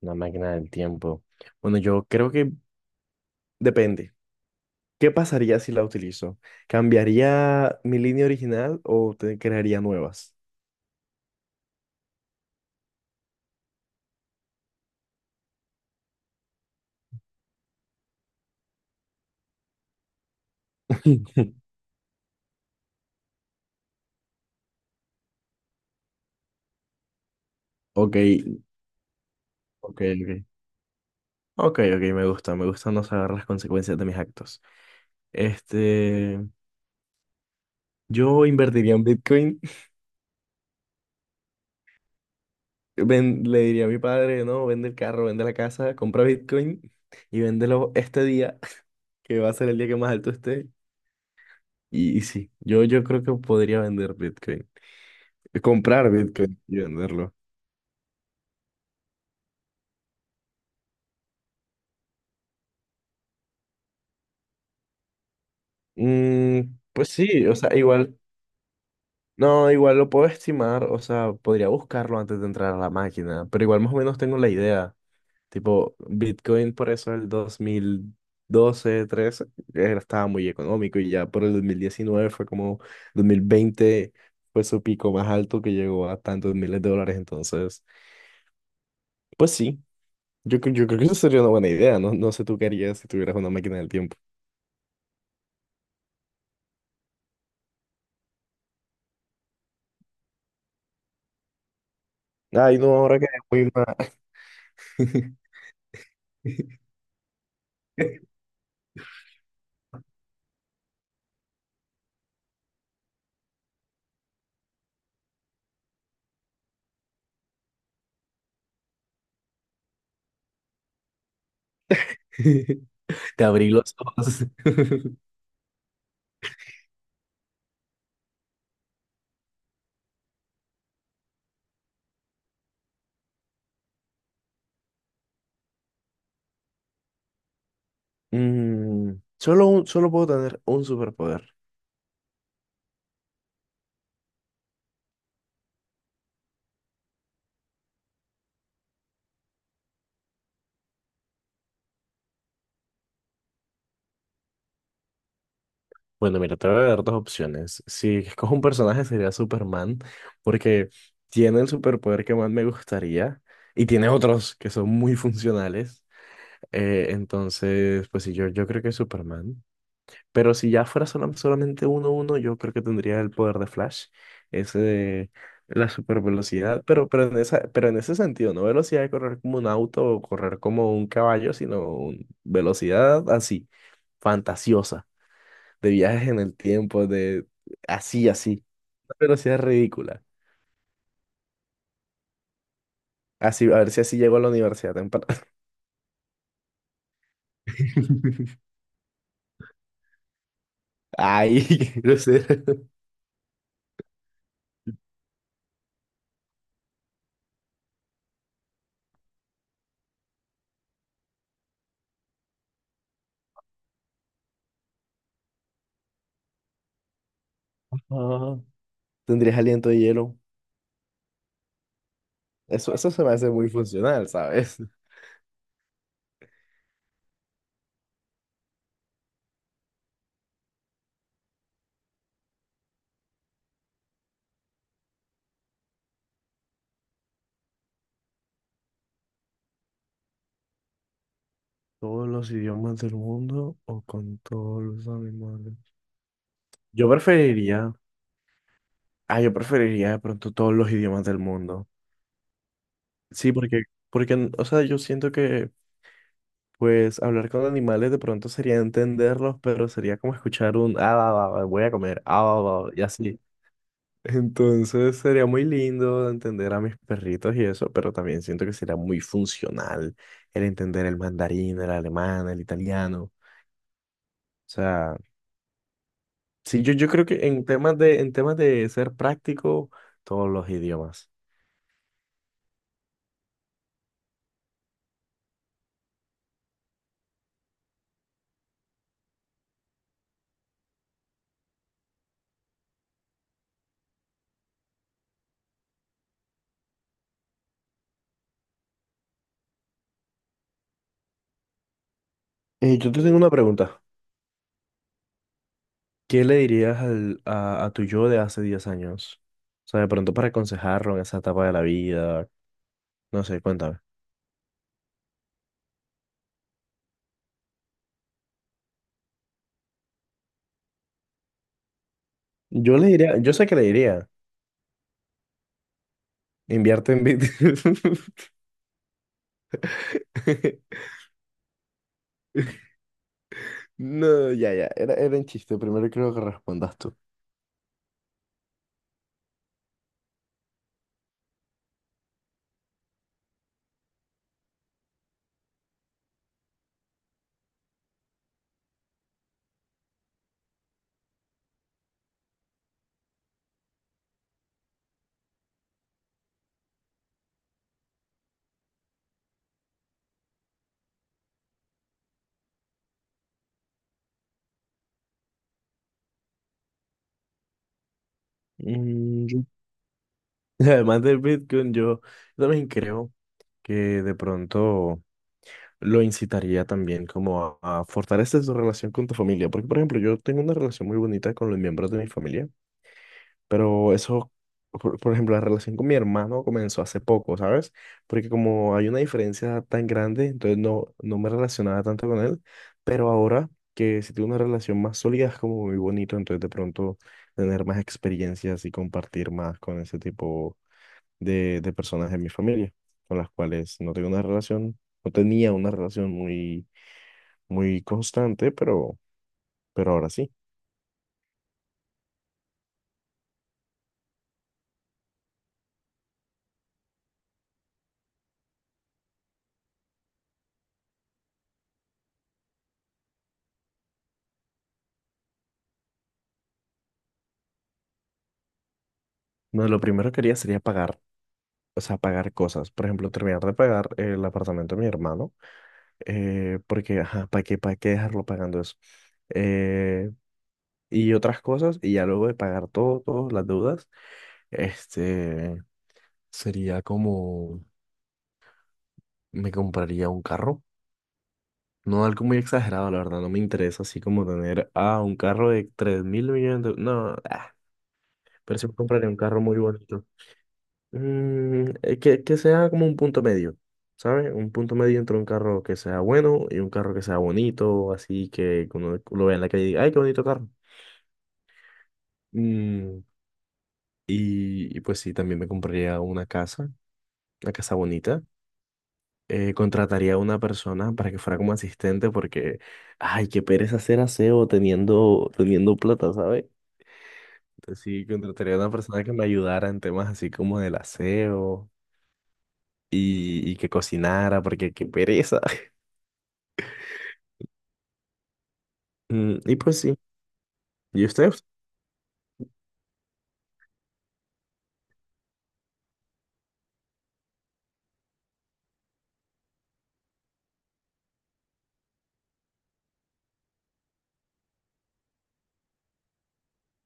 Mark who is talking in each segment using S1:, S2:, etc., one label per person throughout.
S1: Una máquina del tiempo. Bueno, yo creo que depende. ¿Qué pasaría si la utilizo? ¿Cambiaría mi línea original o te crearía nuevas? Ok, ok, ok. Ok, ok, me gusta no saber las consecuencias de mis actos. Este, yo invertiría en Bitcoin. Le diría a mi padre, no, vende el carro, vende la casa, compra Bitcoin y véndelo este día, que va a ser el día que más alto esté. Y sí, yo creo que podría vender Bitcoin. De comprar Bitcoin y venderlo. Mm, pues sí, o sea, igual, no, igual lo puedo estimar. O sea, podría buscarlo antes de entrar a la máquina, pero igual más o menos tengo la idea. Tipo, Bitcoin, por eso el 2012, 13 estaba muy económico, y ya por el 2019 fue como 2020 fue su pico más alto que llegó a tantos miles de dólares. Entonces, pues sí, yo creo que eso sería una buena idea, ¿no? No sé tú qué harías si tuvieras una máquina del tiempo. Ay, no, ahora que muy mal. Te abrí los ojos. Mm, solo puedo tener un superpoder. Bueno, mira, te voy a dar dos opciones. Si escojo un personaje, sería Superman, porque tiene el superpoder que más me gustaría y tiene otros que son muy funcionales. Entonces, pues sí, yo creo que es Superman. Pero si ya fuera solamente uno, yo creo que tendría el poder de Flash, ese de la super velocidad. Pero en ese sentido, no velocidad de correr como un auto o correr como un caballo, sino velocidad así, fantasiosa, de viajes en el tiempo, de así, así, una velocidad ridícula. Así, a ver si así llego a la universidad temprano. Ay, qué grosero. Ah, tendrías aliento de hielo. Eso se me hace muy funcional, ¿sabes? Todos los idiomas del mundo o con todos los animales. Yo preferiría, yo preferiría de pronto todos los idiomas del mundo. Sí, porque, o sea, yo siento que, pues, hablar con animales de pronto sería entenderlos, pero sería como escuchar un, ah, va, va, va, voy a comer, ah, va, va, va", y así. Entonces sería muy lindo entender a mis perritos y eso, pero también siento que sería muy funcional el entender el mandarín, el alemán, el italiano. O sea, sí, yo creo que en temas de ser práctico, todos los idiomas. Yo te tengo una pregunta. ¿Qué le dirías a tu yo de hace 10 años? O sea, de pronto para aconsejarlo en esa etapa de la vida. No sé, cuéntame. Yo le diría, yo sé que le diría, invierte en Bitcoin. No, ya, ya, era un chiste. Primero creo que respondas tú. Mm, yo- Además del Bitcoin, yo también creo que de pronto lo incitaría también como a fortalecer su relación con tu familia. Porque, por ejemplo, yo tengo una relación muy bonita con los miembros de mi familia, pero eso, por ejemplo, la relación con mi hermano comenzó hace poco, ¿sabes? Porque como hay una diferencia tan grande, entonces no, no me relacionaba tanto con él, pero ahora que si tengo una relación más sólida es como muy bonito. Entonces de pronto tener más experiencias y compartir más con ese tipo de personas de mi familia, con las cuales no tengo una relación, no tenía una relación muy muy constante, pero ahora sí. No, lo primero que haría sería pagar, o sea, pagar cosas. Por ejemplo, terminar de pagar el apartamento de mi hermano, porque, ajá, para qué dejarlo pagando eso? Eh, y otras cosas, y ya luego de pagar todo, todas las deudas, este, sería como, me compraría un carro. No algo muy exagerado, la verdad, no me interesa así como tener, un carro de 3.000 millones de. No, pero sí me compraría un carro muy bonito. Que sea como un punto medio, ¿sabes? Un punto medio entre un carro que sea bueno y un carro que sea bonito, así que uno lo vea en la calle y diga, ¡ay, qué bonito carro! Mm, y pues sí, también me compraría una casa bonita. Contrataría a una persona para que fuera como asistente porque, ay, qué pereza hacer aseo teniendo, teniendo plata, ¿sabes? Entonces sí, contrataría a una persona que me ayudara en temas así como del aseo y que cocinara porque qué pereza. Y pues sí, ¿y ustedes?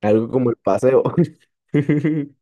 S1: Algo como el paseo.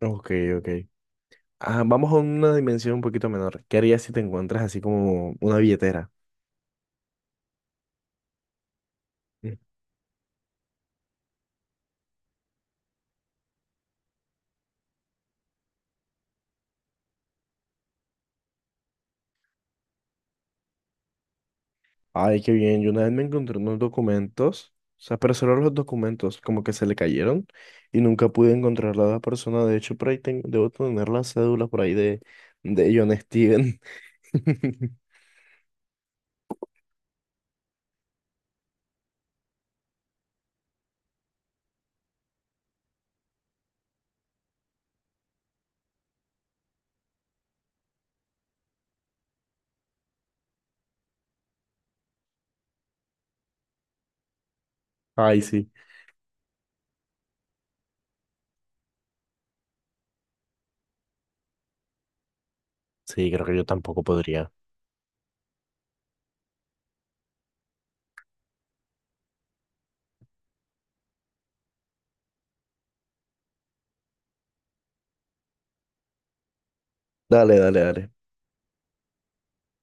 S1: Ok, ok. Ah, vamos a una dimensión un poquito menor. ¿Qué harías si te encuentras así como una billetera? Mm. Ay, qué bien. Yo una vez me encontré unos documentos, o sea, pero solo los documentos, como que se le cayeron y nunca pude encontrar a la persona. De hecho, por ahí debo tener la cédula por ahí de John Steven. Ay, sí. Sí, creo que yo tampoco podría. Dale, dale, dale.